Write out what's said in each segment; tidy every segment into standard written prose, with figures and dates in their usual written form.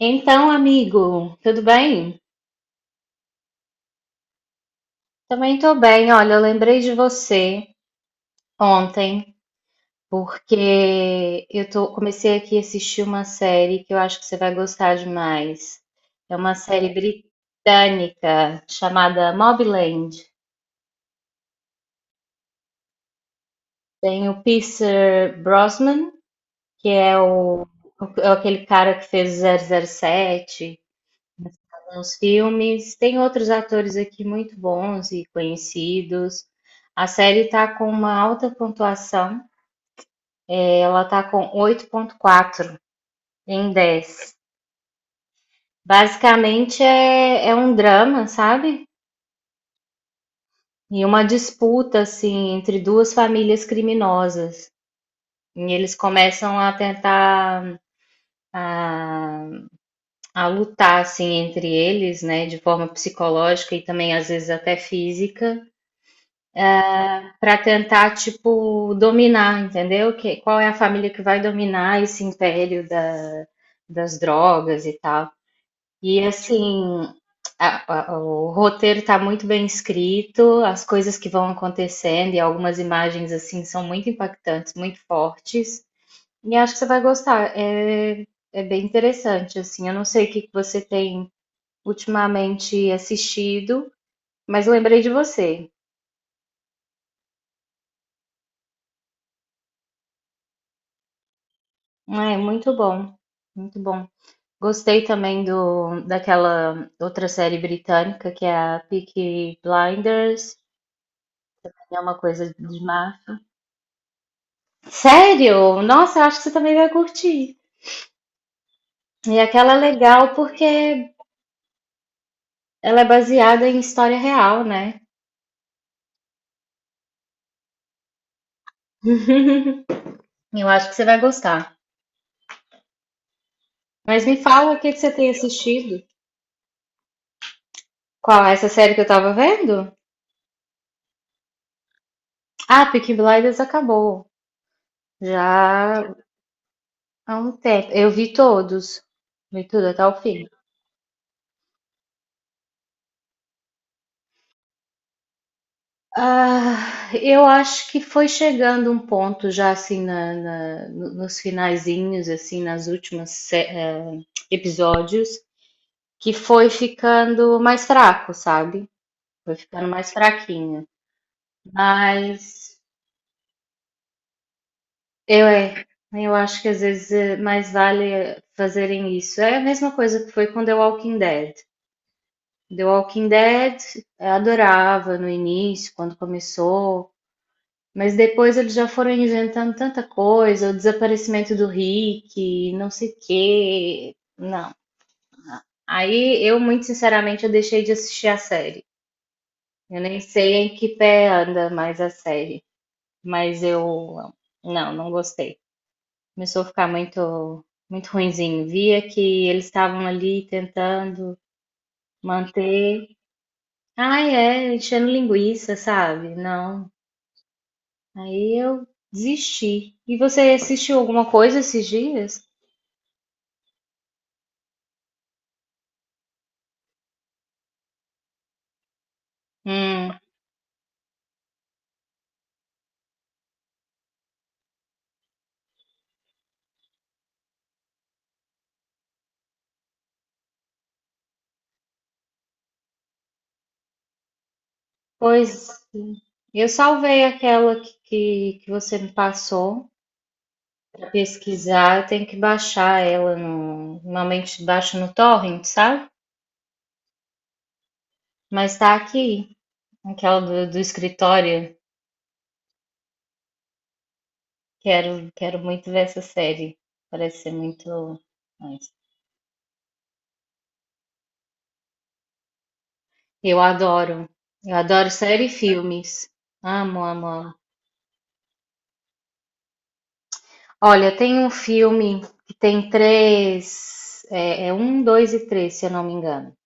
Então, amigo, tudo bem? Também tô bem. Olha, eu lembrei de você ontem, porque comecei aqui a assistir uma série que eu acho que você vai gostar demais. É uma série britânica chamada Mobland. Tem o Pierce Brosnan, que é é aquele cara que fez o 007 nos filmes. Tem outros atores aqui muito bons e conhecidos. A série está com uma alta pontuação. Ela está com 8,4 em 10. Basicamente é um drama, sabe? E uma disputa assim entre duas famílias criminosas. E eles começam a tentar a lutar assim entre eles, né, de forma psicológica e também às vezes até física, para tentar, tipo, dominar, entendeu? Que, qual é a família que vai dominar esse império das drogas e tal. E assim, o roteiro está muito bem escrito, as coisas que vão acontecendo e algumas imagens assim são muito impactantes, muito fortes. E acho que você vai gostar. É bem interessante, assim. Eu não sei o que que você tem ultimamente assistido, mas eu lembrei de você. É muito bom, muito bom. Gostei também daquela outra série britânica que é a Peaky Blinders, é uma coisa de máfia. Sério? Nossa, eu acho que você também vai curtir. E aquela é legal porque ela é baseada em história real, né? E eu acho que você vai gostar. Mas me fala o que que você tem assistido. Qual é essa série que eu tava vendo? Ah, Peaky Blinders acabou. Já há um tempo. Eu vi todos. Vi tudo até o fim. Ah, eu acho que foi chegando um ponto já assim nos finalzinhos, assim, nas últimas episódios, que foi ficando mais fraco, sabe? Foi ficando mais fraquinho. Mas eu é, eu acho que às vezes mais vale fazerem isso. É a mesma coisa que foi com The Walking Dead. The Walking Dead, eu adorava no início, quando começou. Mas depois eles já foram inventando tanta coisa, o desaparecimento do Rick, não sei o quê. Não. Aí eu, muito sinceramente, eu deixei de assistir a série. Eu nem sei em que pé anda mais a série, mas eu não, não gostei. Começou a ficar muito, muito ruinzinho. Via que eles estavam ali tentando manter. Ai, é, enchendo linguiça, sabe? Não. Aí eu desisti. E você assistiu alguma coisa esses dias? Hum, pois eu salvei aquela que você me passou para pesquisar. Eu tenho que baixar ela no, normalmente baixo no torrent, sabe? Mas tá aqui, aquela do escritório. Quero, quero muito ver essa série. Parece ser muito nice. Eu adoro. Eu adoro série e filmes. Amo, amo, amo. Olha, tem um filme que tem três. É, é um, dois e três, se eu não me engano.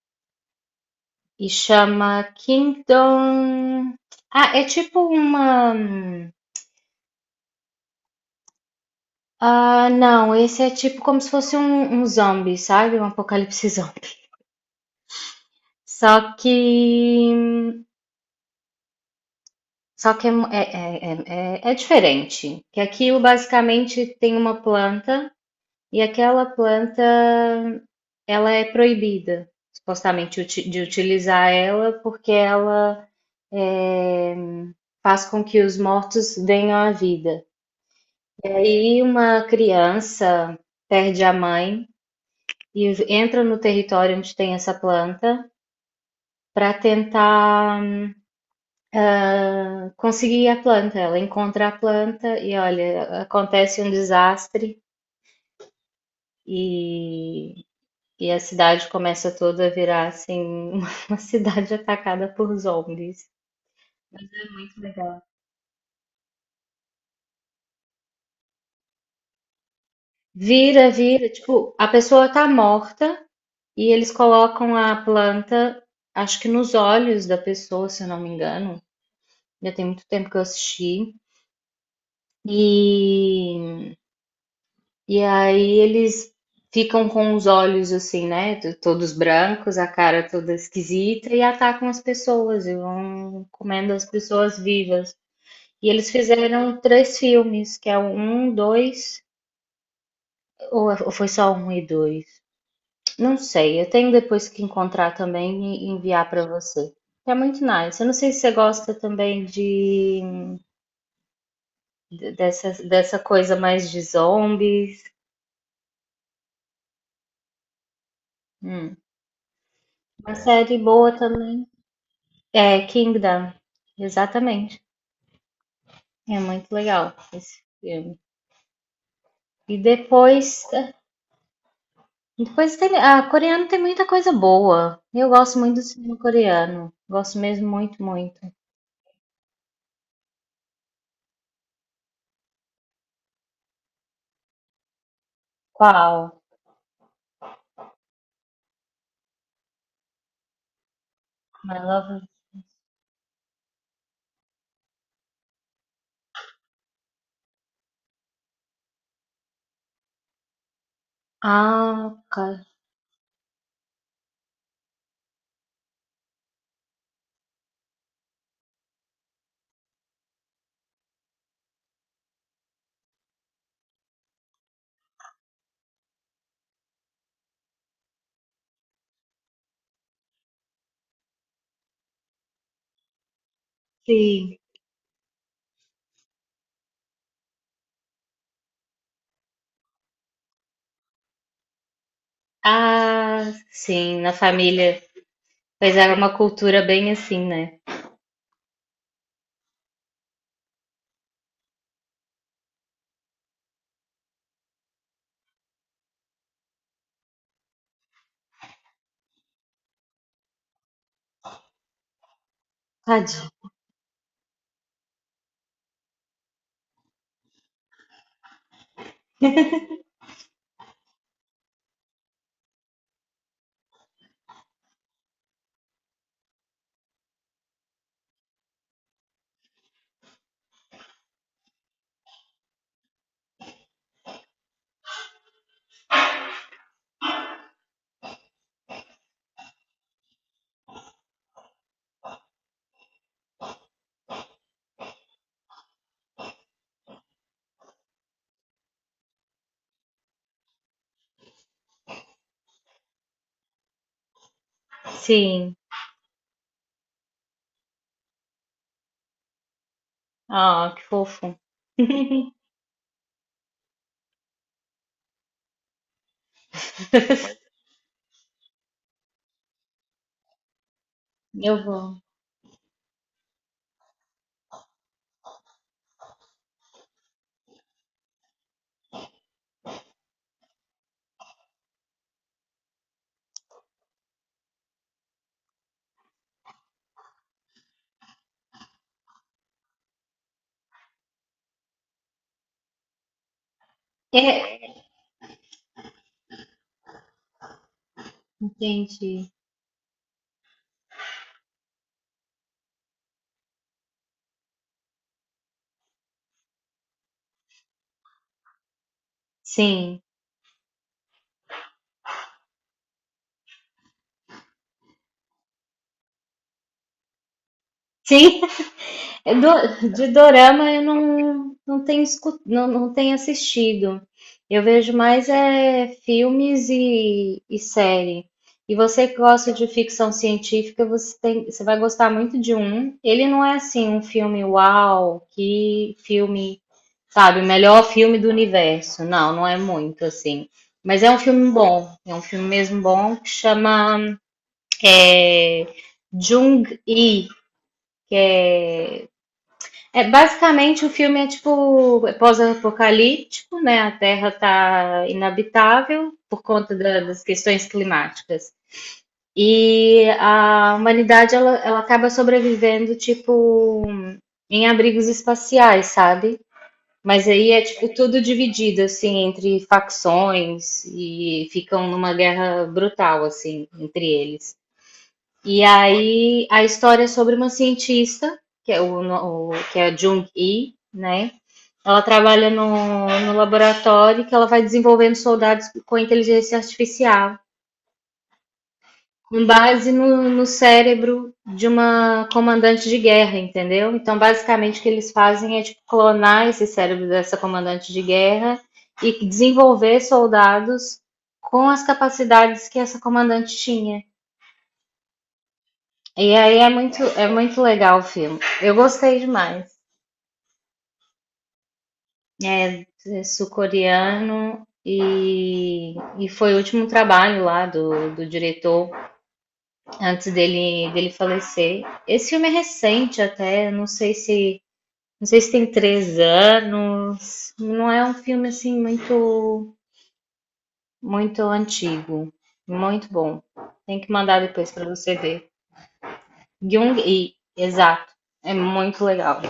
E chama Kingdom. Ah, é tipo uma. Ah, não, esse é tipo como se fosse um zombie, sabe? Um apocalipse zombie. Só que. Só que é diferente. Que aquilo basicamente tem uma planta e aquela planta ela é proibida, supostamente, de utilizar ela porque ela é, faz com que os mortos venham à vida. E uma criança perde a mãe e entra no território onde tem essa planta para tentar conseguir a planta. Ela encontra a planta e olha, acontece um desastre e, e a cidade começa toda a virar assim uma cidade atacada por zombies. Muito legal. Vira, vira, tipo, a pessoa tá morta e eles colocam a planta, acho que nos olhos da pessoa, se eu não me engano. Já tem muito tempo que eu assisti. E, e aí eles ficam com os olhos assim, né? Todos brancos, a cara toda esquisita e atacam as pessoas e vão comendo as pessoas vivas. E eles fizeram três filmes, que é o um, dois, ou foi só um e dois? Não sei, eu tenho depois que encontrar também e enviar para você. É muito nice. Eu não sei se você gosta também dessa coisa mais de zombies. Hum. Uma série boa também é Kingdom, exatamente. É muito legal esse filme. E depois, depois tem, a coreano tem muita coisa boa. Eu gosto muito do cinema coreano. Gosto mesmo muito, muito. Qual? My Love. Ah, cara. Sim. Ah, sim, na família. Pois era uma cultura bem assim, né? Tadinho. Sim. Ah, que fofo. Eu vou. É, entendi. Sim. Sim, De dorama eu não, não não tenho assistido. Eu vejo mais é filmes e série. E você que gosta de ficção científica, você vai gostar muito de um. Ele não é assim um filme uau, que filme, sabe, o melhor filme do universo. Não, não é muito assim. Mas é um filme bom, é um filme mesmo bom que chama é, Jung-Hee, que é é, basicamente, o filme é tipo é pós-apocalíptico, né? A Terra tá inabitável por conta das questões climáticas. E a humanidade, ela acaba sobrevivendo, tipo, em abrigos espaciais, sabe? Mas aí é, tipo, tudo dividido, assim, entre facções e ficam numa guerra brutal, assim, entre eles. E aí a história é sobre uma cientista, que é, o, no- o- que é a Jung-hee, né? Ela trabalha no laboratório que ela vai desenvolvendo soldados com inteligência artificial, com base no cérebro de uma comandante de guerra, entendeu? Então, basicamente, o que eles fazem é tipo, clonar esse cérebro dessa comandante de guerra e desenvolver soldados com as capacidades que essa comandante tinha. E aí é muito legal o filme. Eu gostei demais. É, é sul-coreano e foi o último trabalho lá do diretor antes dele falecer. Esse filme é recente até, não sei se tem 3 anos, não é um filme assim muito muito antigo, muito bom. Tem que mandar depois para você ver. Jung e exato, é muito legal.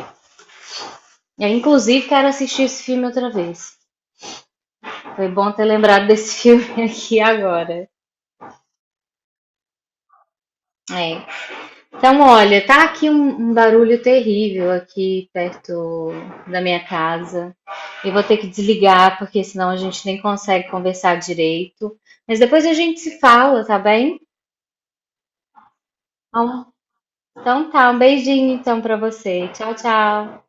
Eu, inclusive quero assistir esse filme outra vez. Foi bom ter lembrado desse filme aqui agora. É. Então, olha, tá aqui um barulho terrível aqui perto da minha casa. Eu vou ter que desligar, porque senão a gente nem consegue conversar direito. Mas depois a gente se fala, tá bem? Então, então tá, um beijinho então pra você. Tchau, tchau.